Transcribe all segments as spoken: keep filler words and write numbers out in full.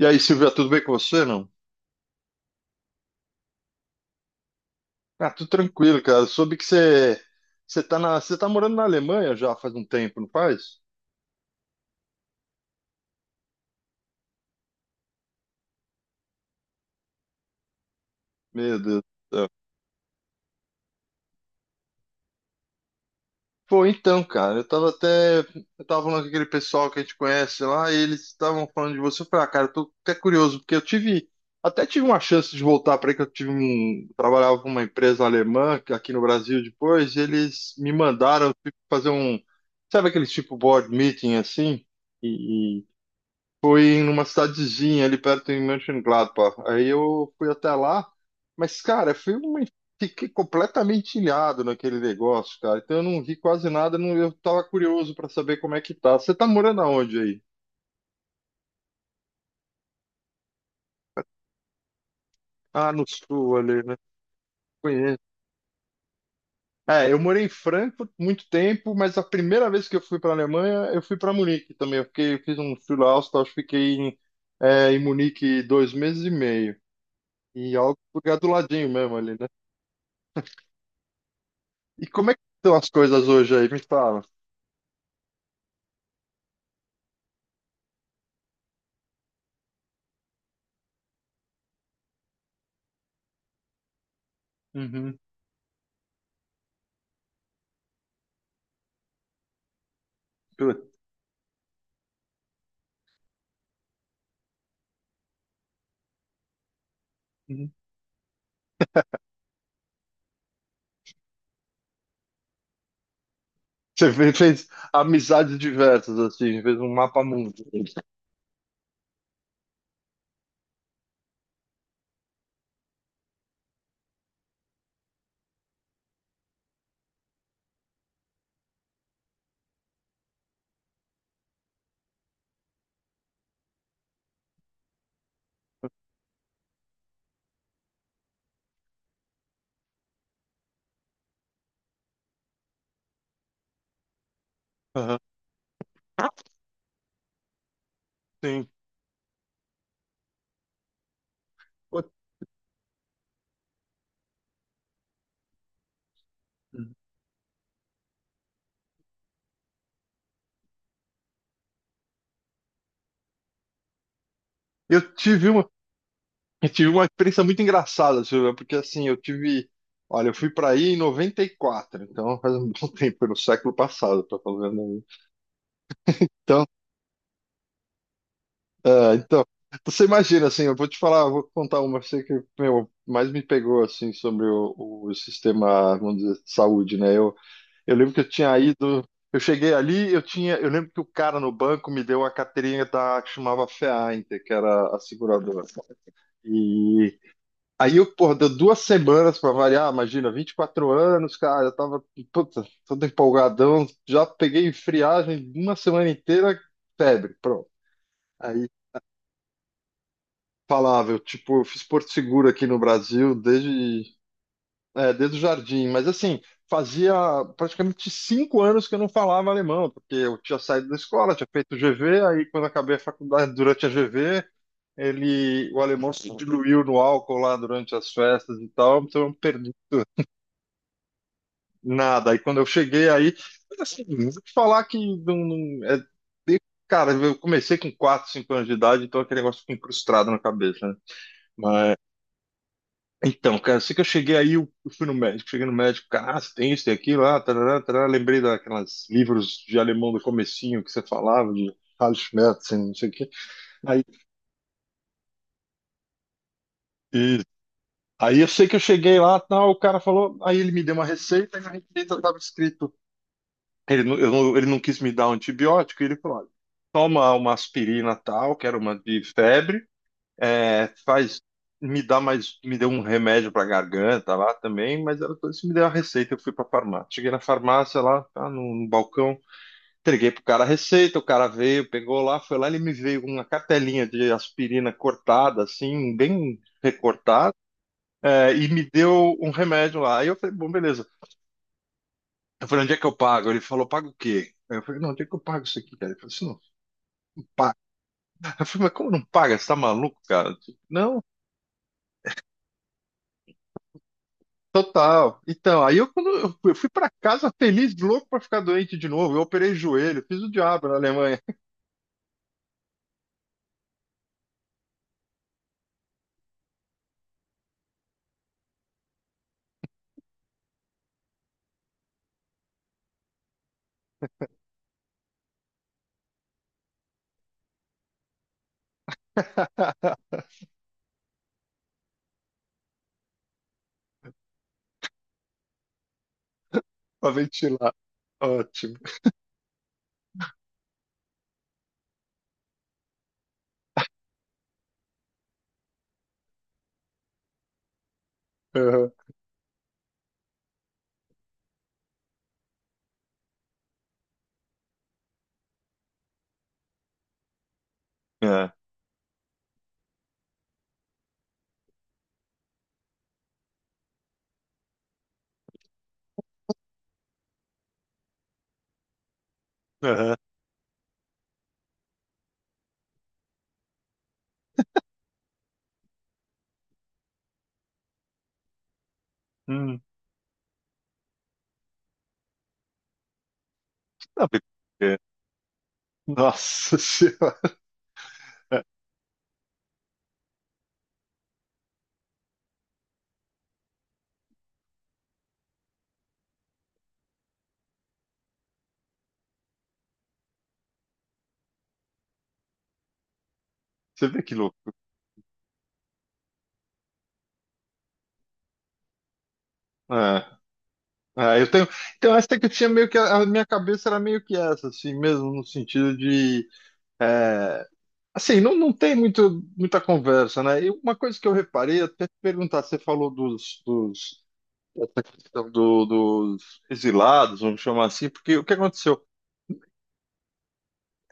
E aí, Silvia, tudo bem com você, não? Ah, tudo tranquilo, cara. Soube que você você tá na, você tá morando na Alemanha já faz um tempo, não faz? Meu Deus do céu. Pô, então, cara, eu tava até eu tava falando com aquele pessoal que a gente conhece lá, e eles estavam falando de você. Eu falei, ah, cara, eu tô até curioso, porque eu tive até tive uma chance de voltar para aí que eu tive um trabalhava com uma empresa alemã que- aqui no Brasil depois, e eles me mandaram tipo, fazer um, sabe aqueles tipo board meeting assim? Foi numa cidadezinha ali perto em Mönchengladbach. Aí eu fui até lá, mas, cara, foi uma... fiquei completamente ilhado naquele negócio, cara. Então eu não vi quase nada, não. Eu tava curioso pra saber como é que tá. Você tá morando aonde aí? Ah, no sul ali, né? Conheço. É, eu morei em Frankfurt muito tempo, mas a primeira vez que eu fui pra Alemanha, eu fui para Munique também. Eu fiquei, eu fiz um Schulaustaus, fiquei em, é, em Munique dois meses e meio. E algo lugar do ladinho mesmo ali, né? E como é que estão as coisas hoje aí? Me fala. Uhum. Putz. Uhum. Você fe- fez amizades diversas, assim, fez um mapa mundo. Aham. Sim. Putz. Eu tive uma, eu tive uma experiência muito engraçada, Silvia, porque assim, eu tive. Olha, eu fui para aí em noventa e quatro, então faz um bom tempo, no século passado, tá falando aí. Então, é, então, você imagina, assim, eu vou te falar, eu vou contar uma, eu sei que, meu, mais me pegou, assim, sobre o, o sistema, vamos dizer, de saúde, né? Eu Eu lembro que eu tinha ido. Eu cheguei ali, eu tinha. Eu lembro que o cara no banco me deu uma carteirinha da que chamava FEAINTER, que era a seguradora. E aí eu, porra, deu duas semanas pra variar, imagina, vinte e quatro anos, cara, eu tava, puta, todo empolgadão, já peguei friagem uma semana inteira, febre, pronto. Aí falava, eu, tipo, eu fiz Porto Seguro aqui no Brasil desde. É, desde o jardim, mas assim, fazia praticamente cinco anos que eu não falava alemão, porque eu tinha saído da escola, tinha feito G V, aí quando acabei a faculdade, durante a G V, ele, o alemão se diluiu no álcool lá durante as festas e tal, então eu não perdi nada. Aí quando eu cheguei aí, mas assim, vou te falar que não, não- é, de- cara, eu comecei com quatro, cinco anos de idade, então aquele negócio fica incrustado na cabeça, né? Então, cara, eu sei que eu cheguei aí, eu eu fui no médico, cheguei no médico, cara, ah, você tem isso, tem aquilo, ah, tarará, tarará. Lembrei daquelas livros de alemão do comecinho que você falava, de Carl Schmerz, assim, não sei o quê. Aí, e- aí eu sei que eu cheguei lá, tal, o cara falou, aí ele me deu uma receita, e na receita estava escrito, ele não, eu não- ele não quis me dar um antibiótico, e ele falou, olha, toma uma aspirina tal, que era uma de febre, é, faz, me dá mais, me deu um remédio para garganta lá também, mas ela falou assim, me deu a receita, eu fui para farmácia. Cheguei na farmácia lá, tá, no, no balcão, entreguei pro cara a receita, o cara veio, pegou lá, foi lá, ele me veio com uma cartelinha de aspirina cortada, assim, bem recortada, é, e me deu um remédio lá. Aí eu falei, bom, beleza. Eu falei, onde é que eu pago? Ele falou, paga o quê? Aí eu falei, não, onde é que eu pago isso aqui, cara? Ele falou assim, não, paga. Eu falei, mas como não paga? Você tá maluco, cara? Não. Total. Então, aí eu, quando eu fui eu fui pra casa feliz, louco pra ficar doente de novo. Eu operei joelho, fiz o diabo na Alemanha. Pra ventilar. Ótimo. Aham. É. Aham. Hum. Não, porque- Nossa Senhora. Você vê que louco. É. É, eu tenho. Então, essa que eu tinha meio que. A minha cabeça era meio que essa, assim, mesmo, no sentido de, é, assim, não, não tem muito, muita conversa, né? E uma coisa que eu reparei, até te perguntar, você falou dos, dos essa questão do- dos exilados, vamos chamar assim, porque o que aconteceu?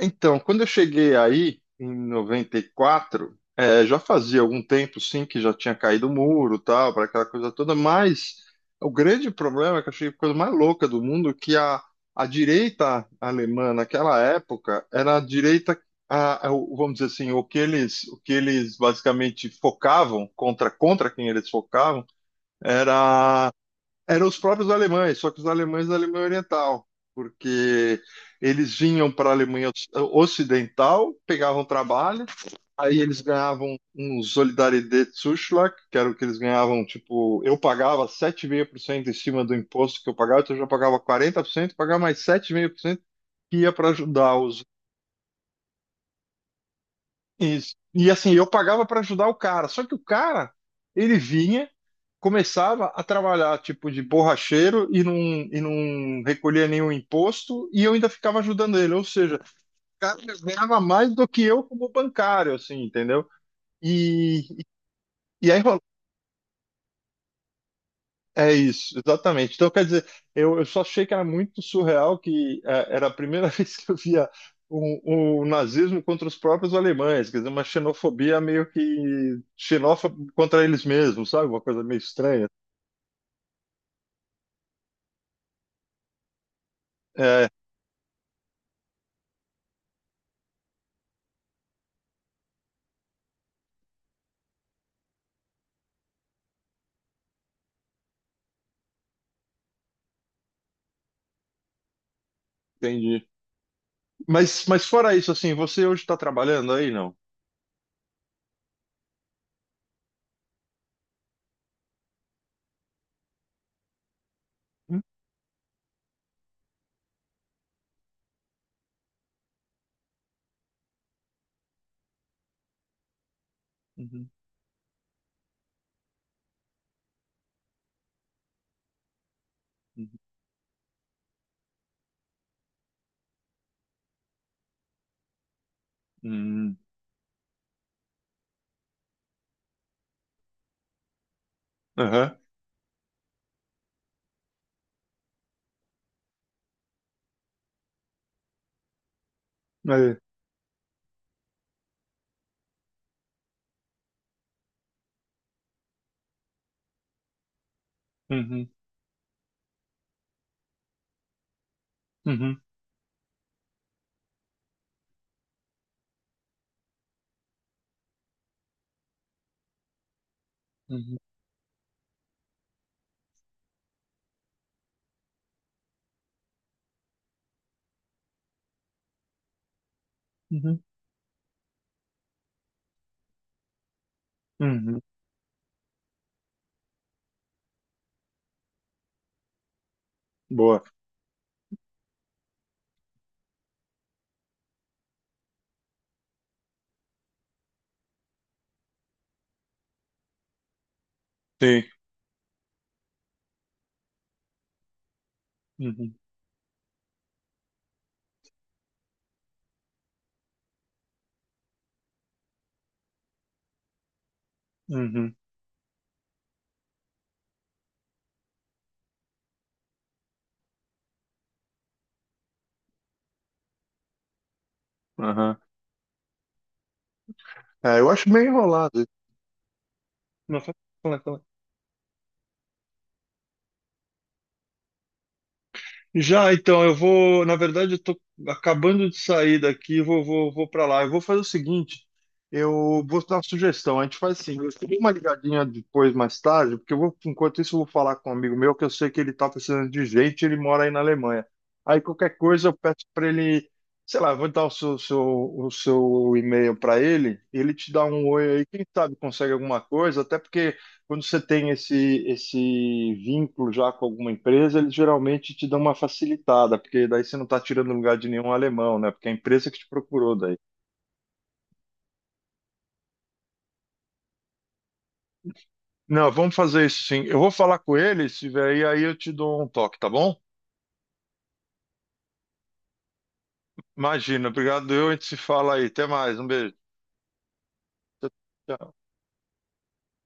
Então, quando eu cheguei aí, em noventa e quatro, é, já fazia algum tempo, sim, que já tinha caído o muro, tal, para aquela coisa toda, mas o grande problema, é que eu achei a coisa mais louca do mundo, que a, a direita alemã naquela época era a direita, a- a- o- vamos dizer assim, o que eles, o que eles basicamente focavam, contra, contra quem eles focavam, era eram os próprios alemães, só que os alemães da Alemanha Oriental, porque eles vinham para a Alemanha Ocidental, pegavam trabalho, aí eles ganhavam um Solidaritätszuschlag, que era o que eles ganhavam, tipo, eu pagava sete vírgula cinco por cento em cima do imposto que eu pagava, então eu já pagava quarenta por cento, pagava mais sete vírgula cinco por cento que ia para ajudar os. Isso. E assim, eu pagava para ajudar o cara. Só que o cara, ele vinha, começava a trabalhar tipo de borracheiro e não, e não recolhia nenhum imposto e eu ainda ficava ajudando ele. Ou seja, o cara ganhava mais do que eu como bancário, assim, entendeu? E, e aí. É isso, exatamente. Então, quer dizer, eu, eu só achei que era muito surreal que eh, era a primeira vez que eu via o, o nazismo contra os próprios alemães, quer dizer, uma xenofobia meio que xenófoba contra eles mesmos, sabe? Uma coisa meio estranha. É, entendi. Mas, mas fora isso, assim, você hoje está trabalhando aí, não? Hum. Uhum. Uhum. Uhum. Aham. Aí. Uhum. Uhum. Uhum. Uhum. Uhum. Boa. Sim. Uhum. Uhum. Aham. É, eu acho meio enrolado. Não, fala, fala, fala. Já, então, eu vou. Na verdade, eu tô acabando de sair daqui, vou, vou, vou para lá. Eu vou fazer o seguinte: eu vou dar uma sugestão. A gente faz assim, eu dou uma ligadinha depois, mais tarde, porque eu vou, enquanto isso, eu vou falar com um amigo meu, que eu sei que ele tá precisando de gente, ele mora aí na Alemanha. Aí qualquer coisa eu peço para ele, sei lá, eu vou dar o seu, seu- o seu e-mail para ele, ele te dá um oi aí, quem sabe consegue alguma coisa, até porque, quando você tem esse, esse vínculo já com alguma empresa, eles geralmente te dão uma facilitada, porque daí você não está tirando lugar de nenhum alemão, né? Porque é a empresa que te procurou daí. Não, vamos fazer isso sim. Eu vou falar com ele, se vier aí, aí eu te dou um toque, tá bom? Imagina, obrigado. Eu, a gente se fala aí. Até mais, um beijo. Tchau, tchau.